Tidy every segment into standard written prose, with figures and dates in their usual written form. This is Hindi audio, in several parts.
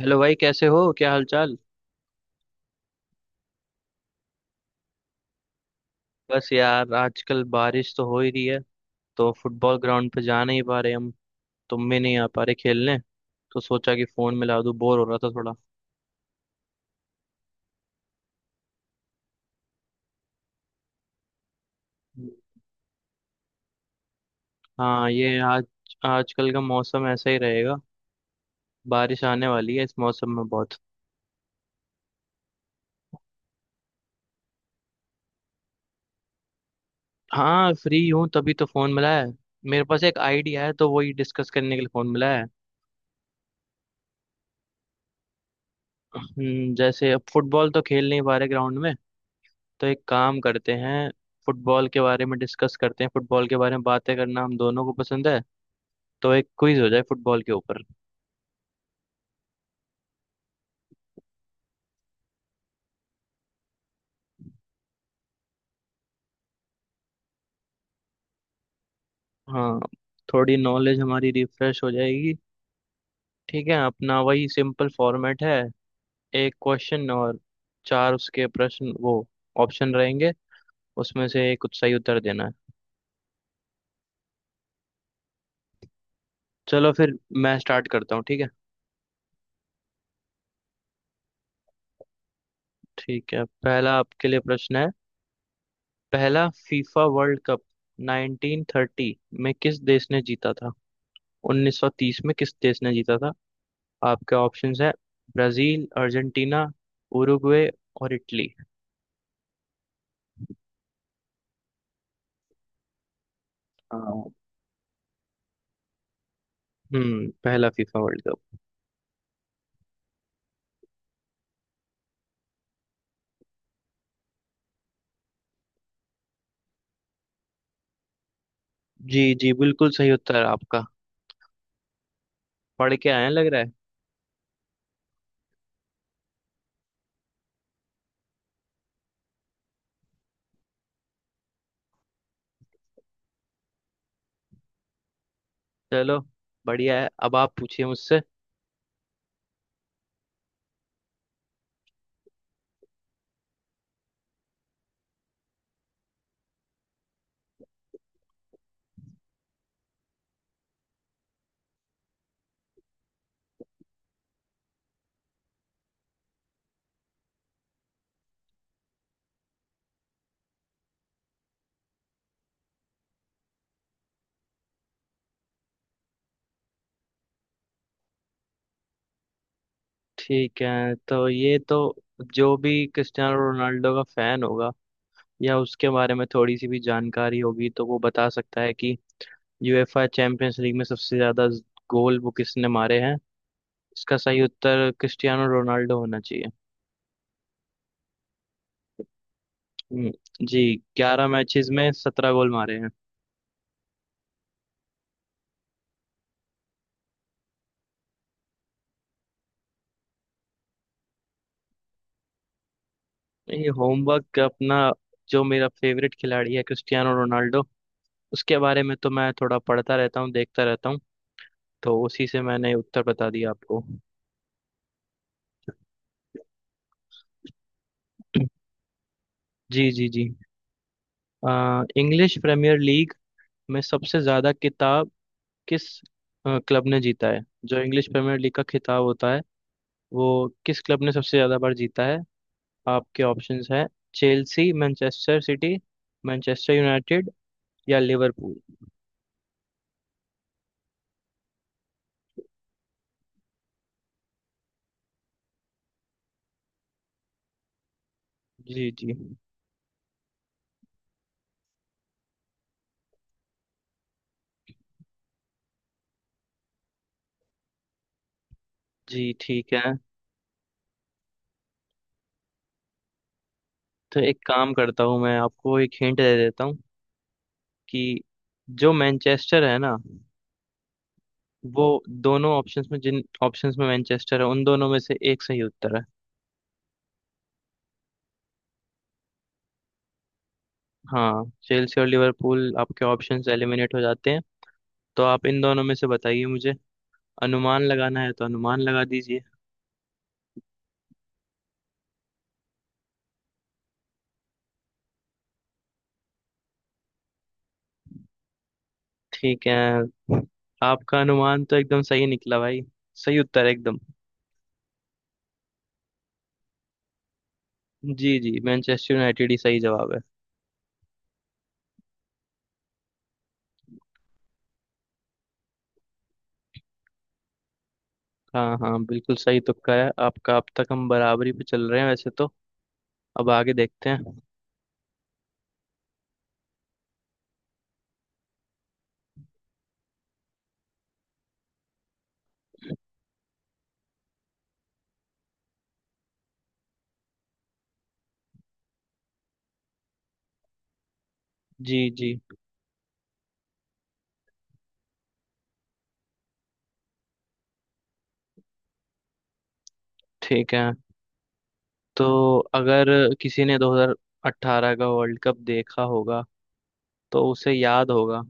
हेलो भाई, कैसे हो? क्या हालचाल? बस यार, आजकल बारिश तो हो ही रही है। तो फुटबॉल ग्राउंड पे जा नहीं पा रहे हम। तुम भी नहीं आ पा रहे खेलने। तो सोचा कि फोन मिला दूं, बोर हो रहा था थोड़ा। हाँ, ये आज आजकल का मौसम ऐसा ही रहेगा। बारिश आने वाली है इस मौसम में बहुत। हाँ, फ्री हूँ, तभी तो फोन मिला है। मेरे पास एक आइडिया है, तो वही डिस्कस करने के लिए फोन मिला है। जैसे अब फुटबॉल तो खेल नहीं पा रहे ग्राउंड में, तो एक काम करते हैं, फुटबॉल के बारे में डिस्कस करते हैं। फुटबॉल के बारे में बातें करना हम दोनों को पसंद है, तो एक क्विज हो जाए फुटबॉल के ऊपर। हाँ, थोड़ी नॉलेज हमारी रिफ्रेश हो जाएगी। ठीक है, अपना वही सिंपल फॉर्मेट है। एक क्वेश्चन और चार उसके प्रश्न, वो ऑप्शन रहेंगे, उसमें से एक सही उत्तर देना है। चलो फिर, मैं स्टार्ट करता हूँ, ठीक है? ठीक है, पहला आपके लिए प्रश्न है। पहला फीफा वर्ल्ड कप 1930 में किस देश ने जीता था? 1930 में किस देश ने जीता था? आपके ऑप्शंस है, ब्राजील, अर्जेंटीना, उरुग्वे और इटली। हाँ, हम्म, पहला फीफा वर्ल्ड कप। जी जी, बिल्कुल सही उत्तर है आपका। पढ़ के आए हैं लग रहा है। चलो, बढ़िया है। अब आप पूछिए मुझसे। ठीक है, तो ये तो जो भी क्रिस्टियानो रोनाल्डो का फैन होगा या उसके बारे में थोड़ी सी भी जानकारी होगी, तो वो बता सकता है कि यूएफए चैंपियंस लीग में सबसे ज्यादा गोल वो किसने मारे हैं। इसका सही उत्तर क्रिस्टियानो रोनाल्डो होना चाहिए। हम्म, जी, 11 मैचेस में 17 गोल मारे हैं। ये होमवर्क अपना, जो मेरा फेवरेट खिलाड़ी है क्रिस्टियानो रोनाल्डो, उसके बारे में तो मैं थोड़ा पढ़ता रहता हूँ, देखता रहता हूँ। तो उसी से मैंने उत्तर बता दिया आपको। जी जी जी। इंग्लिश प्रीमियर लीग में सबसे ज्यादा किताब किस क्लब ने जीता है? जो इंग्लिश प्रीमियर लीग का खिताब होता है, वो किस क्लब ने सबसे ज्यादा बार जीता है? आपके ऑप्शंस हैं, Chelsea, Manchester City, Manchester United या लिवरपूल। जी जी जी, ठीक है। तो एक काम करता हूँ, मैं आपको एक हिंट दे देता हूँ कि जो मैनचेस्टर है ना, वो दोनों ऑप्शंस में, जिन ऑप्शंस में मैनचेस्टर है, उन दोनों में से एक सही उत्तर है। हाँ, चेल्सी और लिवरपूल आपके ऑप्शंस एलिमिनेट हो जाते हैं। तो आप इन दोनों में से बताइए मुझे। अनुमान लगाना है तो अनुमान लगा दीजिए। ठीक है, आपका अनुमान तो एकदम सही निकला भाई। सही उत्तर है एकदम। जी जी, मैनचेस्टर यूनाइटेड ही सही जवाब है। हाँ हाँ, बिल्कुल सही तुक्का है आपका। अब तक हम बराबरी पे चल रहे हैं वैसे तो। अब आगे देखते हैं। जी जी, ठीक है। तो अगर किसी ने 2018 का वर्ल्ड कप देखा होगा तो उसे याद होगा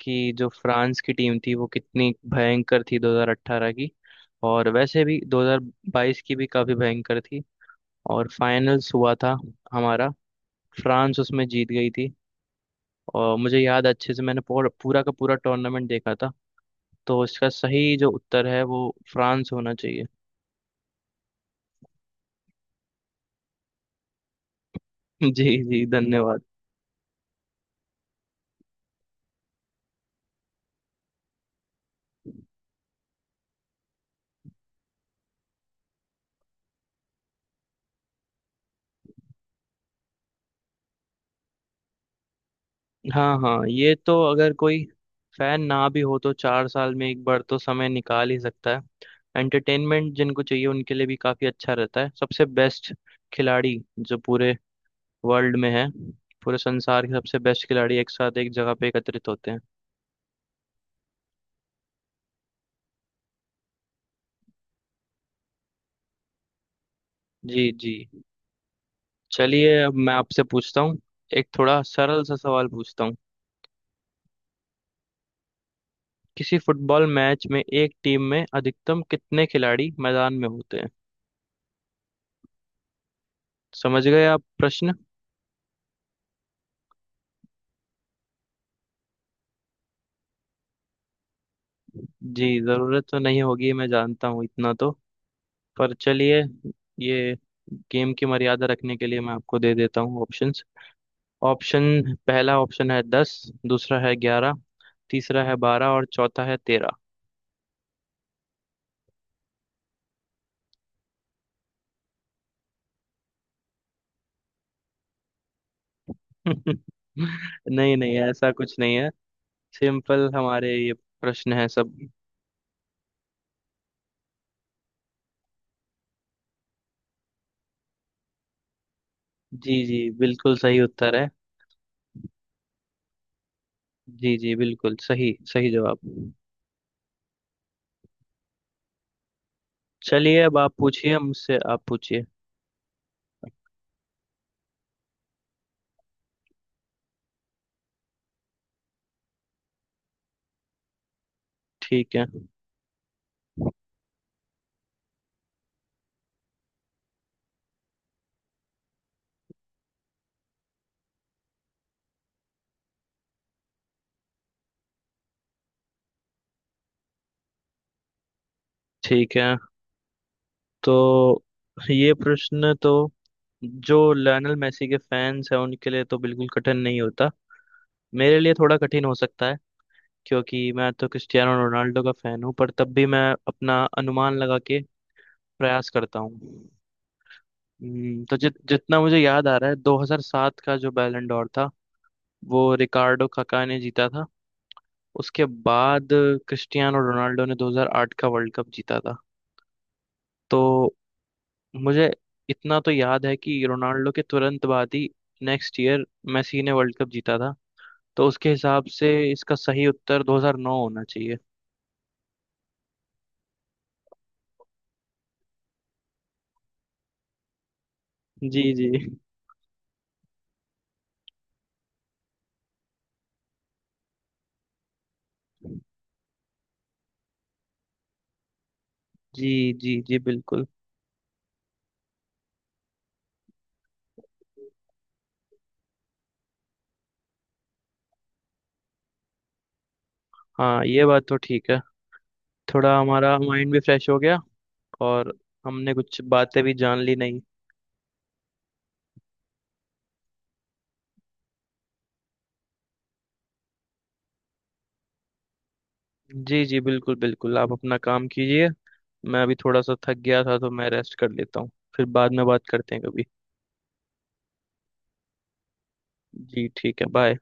कि जो फ्रांस की टीम थी वो कितनी भयंकर थी 2018 की। और वैसे भी 2022 की भी काफी भयंकर थी। और फाइनल्स हुआ था हमारा, फ्रांस उसमें जीत गई थी। और मुझे याद है अच्छे से, मैंने पूरा पूरा का पूरा टूर्नामेंट देखा था। तो इसका सही जो उत्तर है वो फ्रांस होना चाहिए। जी जी, धन्यवाद। हाँ हाँ, ये तो अगर कोई फैन ना भी हो तो 4 साल में एक बार तो समय निकाल ही सकता है। एंटरटेनमेंट जिनको चाहिए उनके लिए भी काफी अच्छा रहता है। सबसे बेस्ट खिलाड़ी जो पूरे वर्ल्ड में है, पूरे संसार के सबसे बेस्ट खिलाड़ी एक साथ एक जगह पे एकत्रित होते हैं। जी जी, चलिए अब मैं आपसे पूछता हूँ। एक थोड़ा सरल सा सवाल पूछता हूँ। किसी फुटबॉल मैच में एक टीम में अधिकतम कितने खिलाड़ी मैदान में होते हैं? समझ गए आप प्रश्न? जी, जरूरत तो नहीं होगी, मैं जानता हूँ इतना तो। पर चलिए, ये गेम की मर्यादा रखने के लिए मैं आपको दे देता हूँ ऑप्शंस। ऑप्शन, पहला ऑप्शन है 10, दूसरा है 11, तीसरा है 12 और चौथा है 13। नहीं नहीं, ऐसा कुछ नहीं है। सिंपल हमारे ये प्रश्न है सब। जी जी, बिल्कुल सही उत्तर है। जी जी, बिल्कुल सही सही जवाब। चलिए अब आप पूछिए मुझसे, आप पूछिए। ठीक है। ठीक है, तो ये प्रश्न तो जो लायनल मेसी के फैंस हैं उनके लिए तो बिल्कुल कठिन नहीं होता। मेरे लिए थोड़ा कठिन हो सकता है क्योंकि मैं तो क्रिस्टियानो रोनाल्डो का फैन हूँ। पर तब भी मैं अपना अनुमान लगा के प्रयास करता हूँ। तो जितना मुझे याद आ रहा है, 2007 का जो बैलन डोर था वो रिकार्डो काका ने जीता था। उसके बाद क्रिस्टियानो रोनाल्डो ने 2008 का वर्ल्ड कप जीता था। तो मुझे इतना तो याद है कि रोनाल्डो के तुरंत बाद ही, नेक्स्ट ईयर, मेसी ने वर्ल्ड कप जीता था। तो उसके हिसाब से इसका सही उत्तर 2009 होना चाहिए। जी जी जी, जी जी, बिल्कुल। हाँ, ये बात तो ठीक है। थोड़ा हमारा माइंड भी फ्रेश हो गया। और हमने कुछ बातें भी जान ली, नहीं? जी जी, बिल्कुल बिल्कुल, आप अपना काम कीजिए। मैं अभी थोड़ा सा थक गया था, तो मैं रेस्ट कर लेता हूँ। फिर बाद में बात करते हैं कभी। जी ठीक है, बाय।